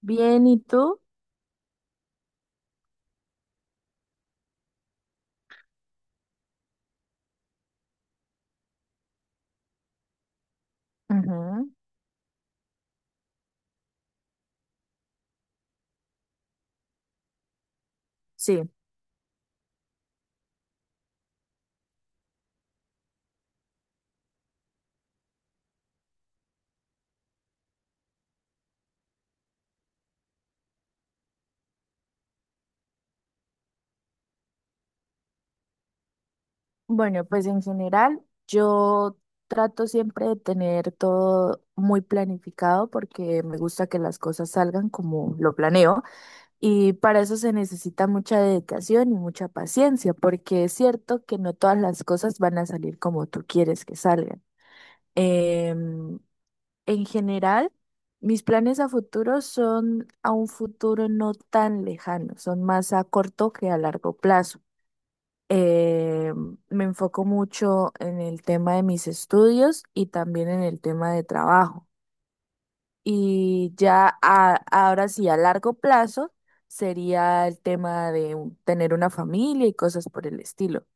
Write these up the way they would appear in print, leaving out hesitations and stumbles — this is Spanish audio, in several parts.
Bien, ¿y tú? Ujú. Sí, bueno, pues en general yo trato siempre de tener todo muy planificado porque me gusta que las cosas salgan como lo planeo y para eso se necesita mucha dedicación y mucha paciencia porque es cierto que no todas las cosas van a salir como tú quieres que salgan. Em, en general, mis planes a futuro son a un futuro no tan lejano, son más a corto que a largo plazo. Eh, Me enfoco mucho en el tema de mis estudios y también en el tema de trabajo. Y ya ahora sí, a largo plazo, sería el tema de tener una familia y cosas por el estilo.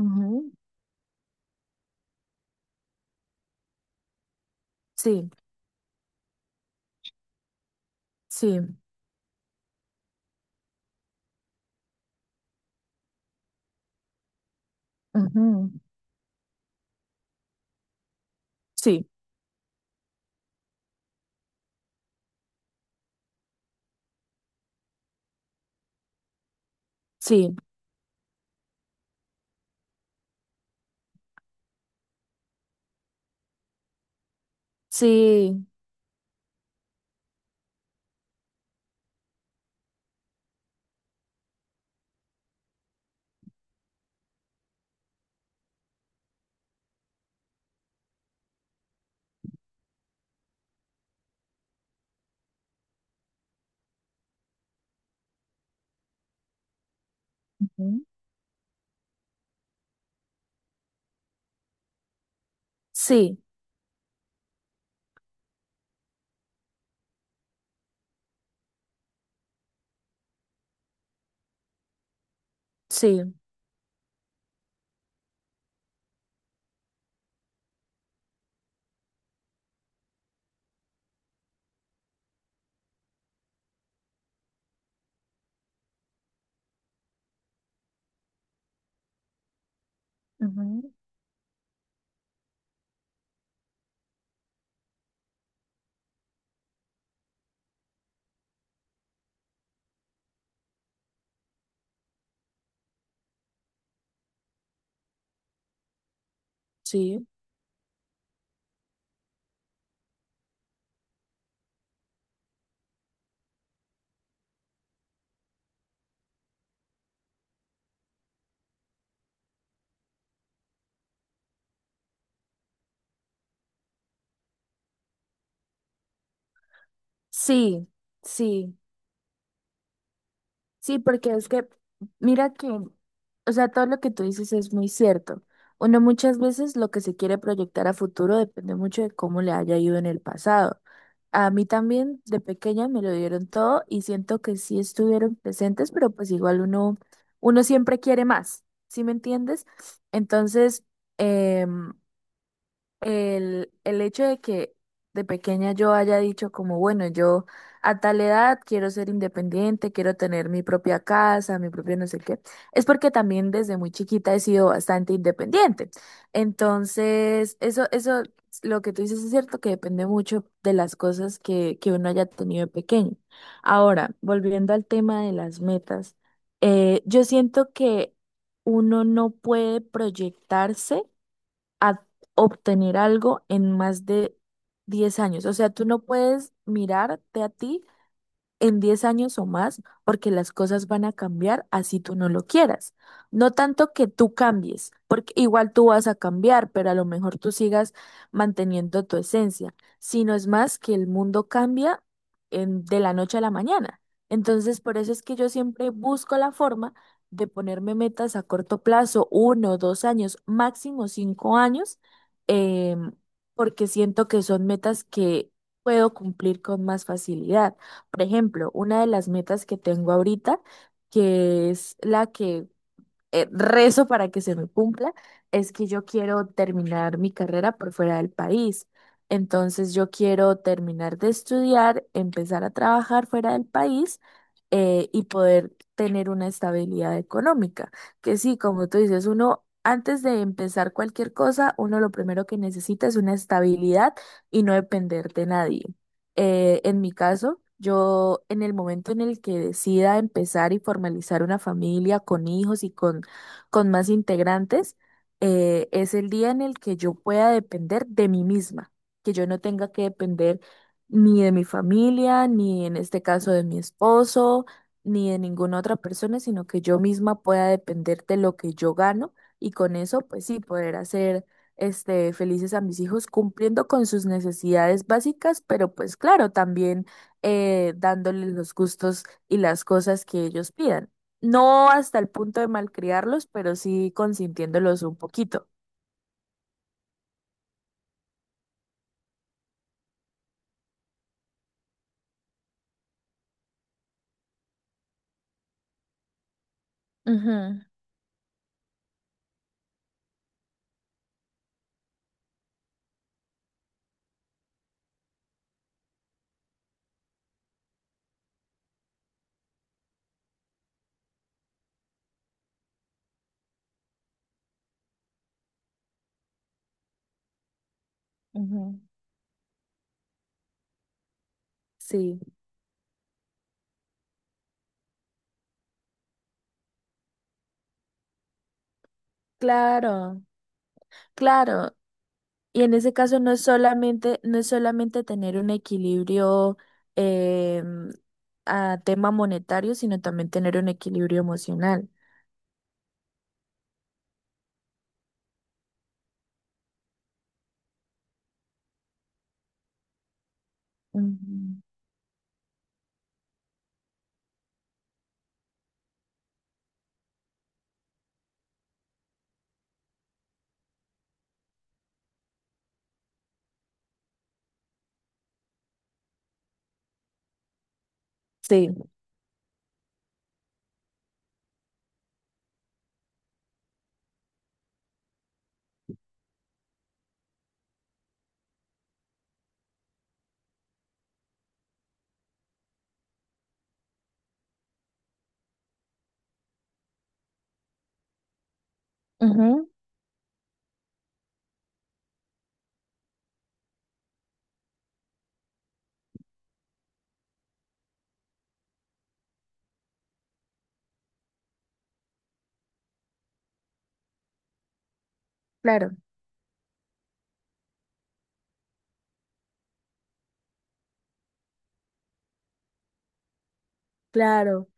Ujú. Sí, sí, ujú. Sí, sí, sí, ujú, sí, sí, ujú, sí, sí, sí. Sí, porque es que, mira que, o sea, todo lo que tú dices es muy cierto. Uno muchas veces lo que se quiere proyectar a futuro depende mucho de cómo le haya ido en el pasado. A mí también de pequeña me lo dieron todo y siento que sí estuvieron presentes, pero pues igual uno siempre quiere más, ¿sí me entiendes? Entonces, em, el hecho de que de pequeña yo haya dicho como, bueno, yo a tal edad quiero ser independiente, quiero tener mi propia casa, mi propio no sé qué, es porque también desde muy chiquita he sido bastante independiente. Entonces, lo que tú dices es cierto que depende mucho de las cosas que uno haya tenido de pequeño. Ahora, volviendo al tema de las metas, yo siento que uno no puede proyectarse a obtener algo en más de 10 años. O sea, tú no puedes mirarte a ti en 10 años o más, porque las cosas van a cambiar así tú no lo quieras. No tanto que tú cambies, porque igual tú vas a cambiar, pero a lo mejor tú sigas manteniendo tu esencia, sino es más que el mundo cambia de la noche a la mañana. Entonces, por eso es que yo siempre busco la forma de ponerme metas a corto plazo, uno, 2 años, máximo 5 años, em, porque siento que son metas que puedo cumplir con más facilidad. Por ejemplo, una de las metas que tengo ahorita, que es la que rezo para que se me cumpla, es que yo quiero terminar mi carrera por fuera del país. Entonces yo quiero terminar de estudiar, empezar a trabajar fuera del país, y poder tener una estabilidad económica. Que sí, como tú dices, uno antes de empezar cualquier cosa, uno lo primero que necesita es una estabilidad y no depender de nadie. En mi caso, yo en el momento en el que decida empezar y formalizar una familia con hijos y con más integrantes, es el día en el que yo pueda depender de mí misma, que yo no tenga que depender ni de mi familia, ni en este caso de mi esposo, ni de ninguna otra persona, sino que yo misma pueda depender de lo que yo gano y con eso, pues sí, poder hacer felices a mis hijos cumpliendo con sus necesidades básicas, pero pues claro, también dándoles los gustos y las cosas que ellos pidan. No hasta el punto de malcriarlos, pero sí consintiéndolos un poquito. Ujú, ujú. Sí, claro, claro. Y en ese caso no es solamente, no es solamente tener un equilibrio em, a tema monetario, sino también tener un equilibrio emocional. Ujú. Sí, ujú. Claro, claro,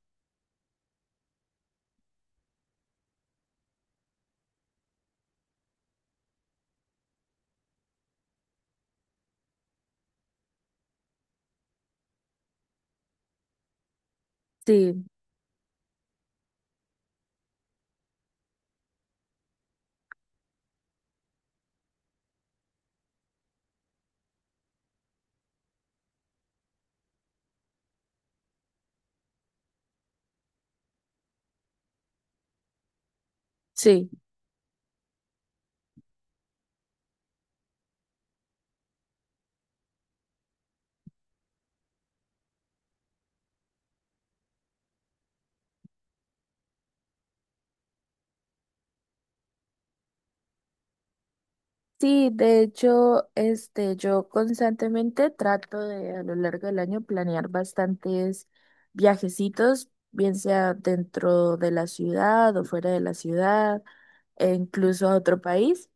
sí, sí. Sí, de hecho, yo constantemente trato de a lo largo del año planear bastantes viajecitos, bien sea dentro de la ciudad o fuera de la ciudad, e incluso a otro país,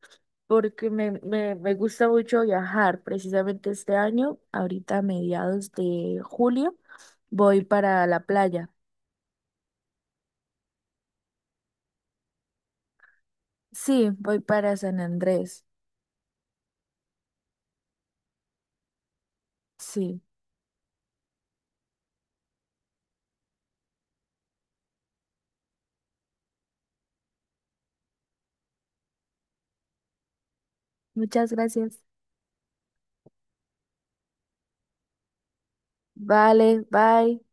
porque me gusta mucho viajar. Precisamente este año, ahorita a mediados de julio, voy para la playa. Sí, voy para San Andrés. Sí, muchas gracias. Vale, bye.